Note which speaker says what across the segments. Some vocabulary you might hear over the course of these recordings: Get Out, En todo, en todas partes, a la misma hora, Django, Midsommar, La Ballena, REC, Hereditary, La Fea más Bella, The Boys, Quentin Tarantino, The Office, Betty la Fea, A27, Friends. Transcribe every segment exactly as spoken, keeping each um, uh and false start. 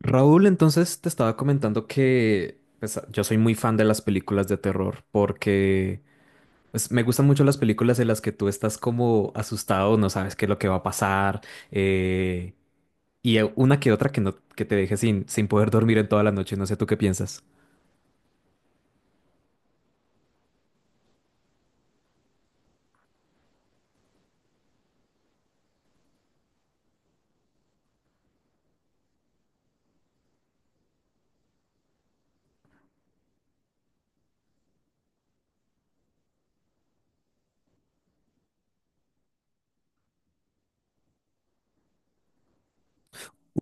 Speaker 1: Raúl, entonces te estaba comentando que pues, yo soy muy fan de las películas de terror porque pues, me gustan mucho las películas en las que tú estás como asustado, no sabes qué es lo que va a pasar eh, y eh, una que otra que no que te deje sin, sin poder dormir en toda la noche. No sé tú qué piensas.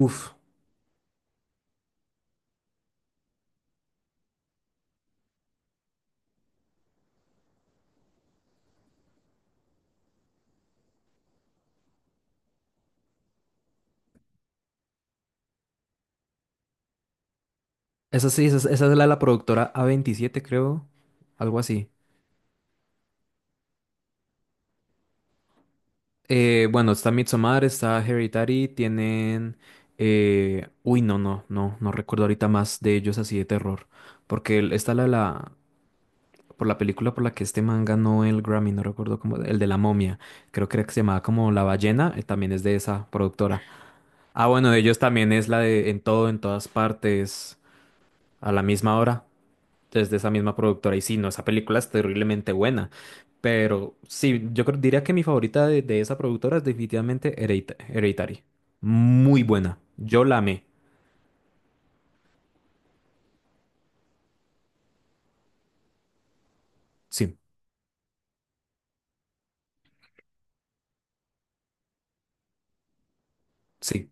Speaker 1: Uf, esa sí, esa, es esa es la de la productora A veintisiete, creo, algo así. Eh, bueno, está Midsommar, está Hereditary, tienen... eh, Uy, no, no, no, no recuerdo ahorita más de ellos así de terror. Porque el- está la, la... Por la película por la que este man ganó el Grammy, no recuerdo cómo... El de la momia. Creo que era que se llamaba como La Ballena, eh, también es de esa productora. Ah, bueno, de ellos también es la de En todo, en todas partes, a la misma hora es de esa misma productora. Y sí, no, esa película es terriblemente buena. Pero sí, yo creo- diría que mi favorita de, de esa productora es definitivamente Heredita- Hereditary. Muy buena. Yo la amé. Sí, sí.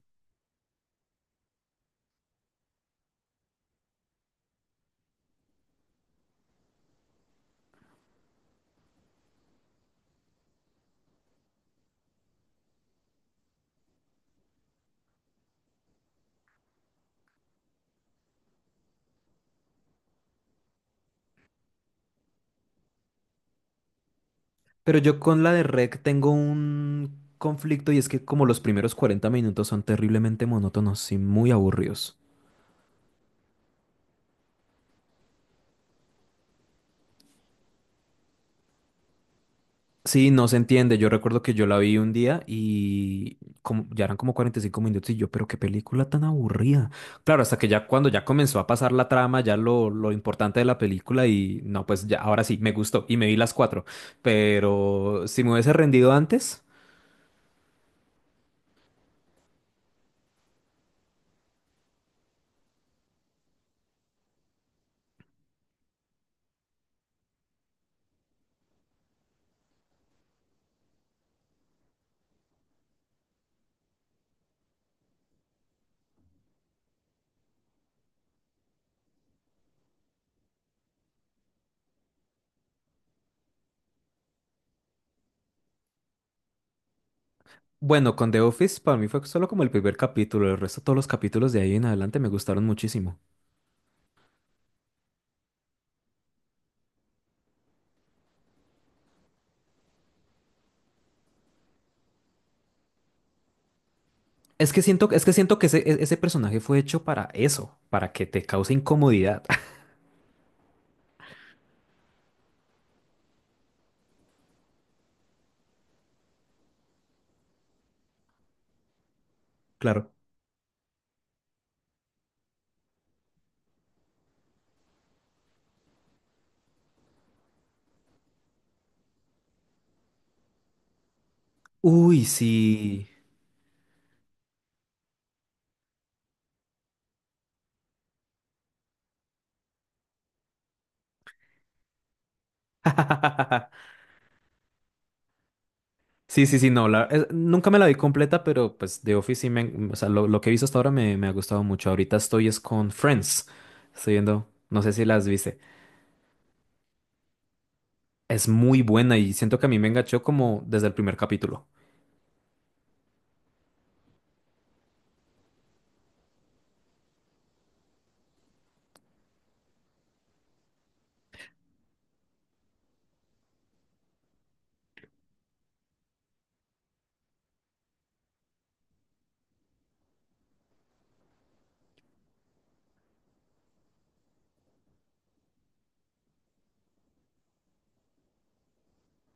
Speaker 1: Pero yo con la de REC tengo un conflicto y es que como los primeros cuarenta minutos son terriblemente monótonos y muy aburridos. Sí, no se entiende. Yo recuerdo que yo la vi un día y como, ya eran como cuarenta y cinco minutos y yo, pero qué película tan aburrida. Claro, hasta que ya cuando ya comenzó a pasar la trama, ya lo, lo importante de la película y no, pues ya ahora sí, me gustó y me vi las cuatro. Pero si me hubiese rendido antes, bueno, con The Office para mí fue solo como el primer capítulo. El resto, todos los capítulos de ahí en adelante me gustaron muchísimo. Es que siento, es que siento que ese, e- ese personaje fue hecho para eso, para que te cause incomodidad. Claro. Uy, sí. Sí, sí, sí, no, la- es- nunca me la vi completa, pero pues The Office sí me, o sea, lo, lo que he visto hasta ahora me, me ha gustado mucho. Ahorita estoy es con Friends, estoy viendo, no sé si las viste, es muy buena y siento que a mí me enganchó como desde el primer capítulo.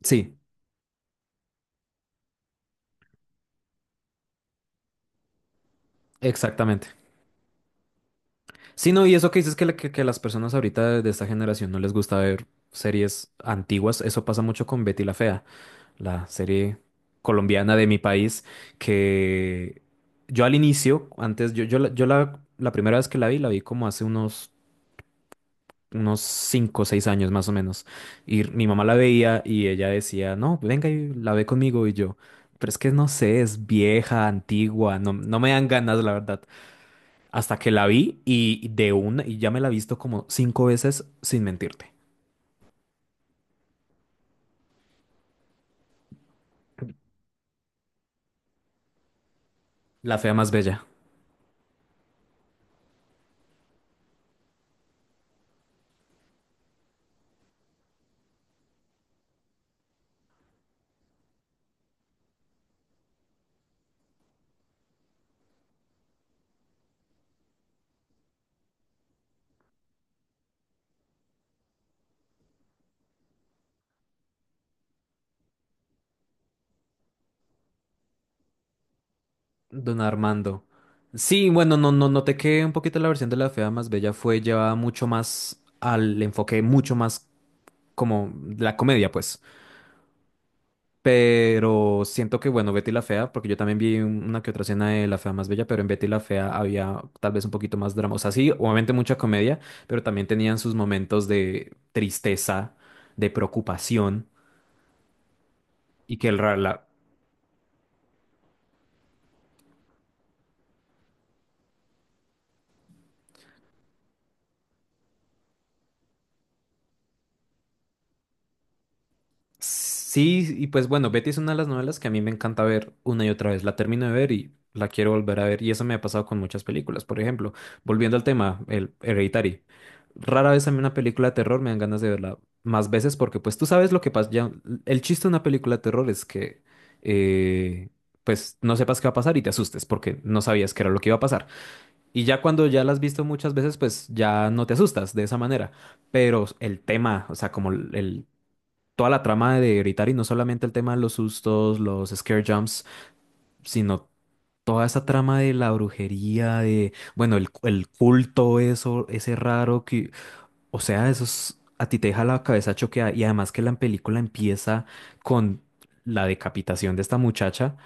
Speaker 1: Sí, exactamente. Sí, no, y eso que dices que, la- que, que las personas ahorita de, de esta generación no les gusta ver series antiguas, eso pasa mucho con Betty la Fea. La serie colombiana de mi país, que yo al inicio, antes, yo, yo, la, yo la, la primera vez que la vi, la vi como hace unos, unos cinco o seis años más o menos. Y mi mamá la veía y ella decía, no, venga y la ve conmigo y yo. Pero es que no sé, es vieja, antigua, no, no me dan ganas, la verdad. Hasta que la vi y de una, y ya me la he visto como cinco veces, sin mentirte. La fea más bella. Don Armando. Sí, bueno, no, no, noté que un poquito la versión de La Fea más Bella fue llevada mucho más al enfoque, mucho más como la comedia, pues. Pero siento que, bueno, Betty la Fea, porque yo también vi un- una que otra escena de La Fea más Bella, pero en Betty la Fea había tal vez un poquito más drama. O sea, sí, obviamente mucha comedia, pero también tenían sus momentos de tristeza, de preocupación, y que el, ra- la, Sí, y pues bueno, Betty es una de las novelas que a mí me encanta ver una y otra vez. La termino de ver y la quiero volver a ver. Y eso me ha pasado con muchas películas. Por ejemplo, volviendo al tema, el Hereditary. Rara vez a mí una película de terror me dan ganas de verla más veces porque pues tú sabes lo que pasa. Ya, el chiste de una película de terror es que eh, pues no sepas qué va a pasar y te asustes porque no sabías qué era lo que iba a pasar. Y ya cuando ya la has visto muchas veces, pues ya no te asustas de esa manera. Pero el tema, o sea, como el, toda la trama de Hereditary, no solamente el tema de los sustos, los scare jumps, sino toda esa trama de la brujería, de, bueno, el, el culto, eso, ese raro que, o sea, eso es- a ti te deja la cabeza choqueada. Y además que la película empieza con la decapitación de esta muchacha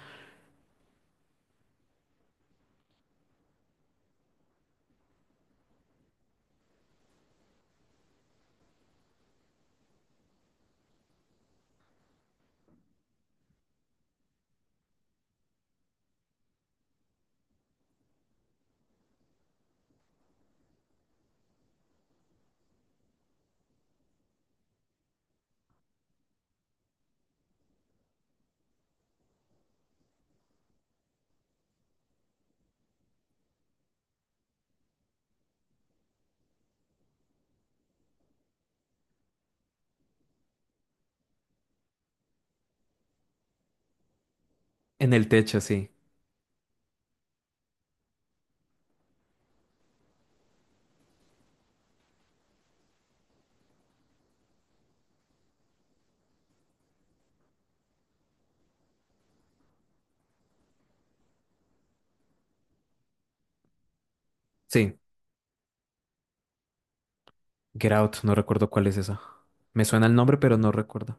Speaker 1: en el techo, sí. Sí, Get Out, no recuerdo cuál es esa. Me suena el nombre, pero no recuerdo.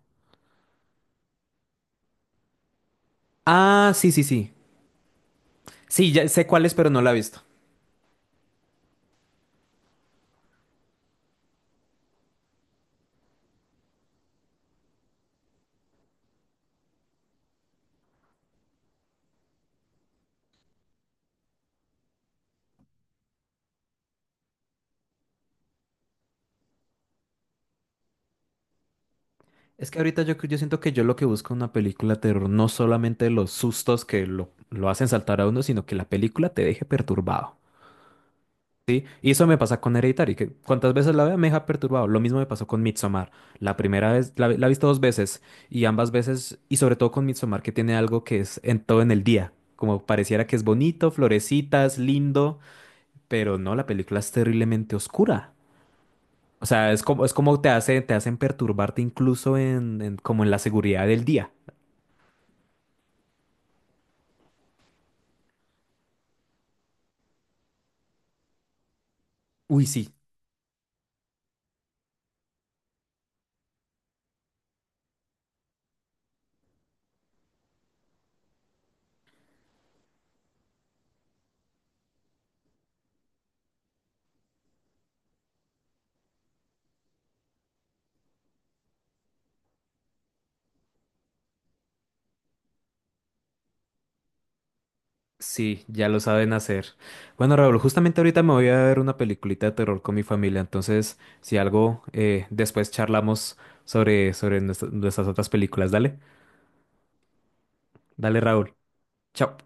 Speaker 1: Ah, sí, sí, sí. Sí, ya sé cuál es, pero no la he visto. Es que ahorita yo, yo siento que yo lo que busco en una película de terror no solamente los sustos que lo, lo hacen saltar a uno, sino que la película te deje perturbado. Y eso me pasa con Hereditary, que cuantas veces la vea me deja perturbado. Lo mismo me pasó con Midsommar. La primera vez, la, la he visto dos veces y ambas veces, y sobre todo con Midsommar, que tiene algo que es en todo en el día. Como pareciera que es bonito, florecitas, lindo, pero no, la película es terriblemente oscura. O sea, es como, es como te hace, te hacen perturbarte incluso en, en- como en la seguridad del día. Uy, sí, sí, ya lo saben hacer. Bueno, Raúl, justamente ahorita me voy a ver una peliculita de terror con mi familia, entonces, si algo, eh, después charlamos sobre, sobre nuestra- nuestras otras películas. Dale, dale, Raúl. Chao.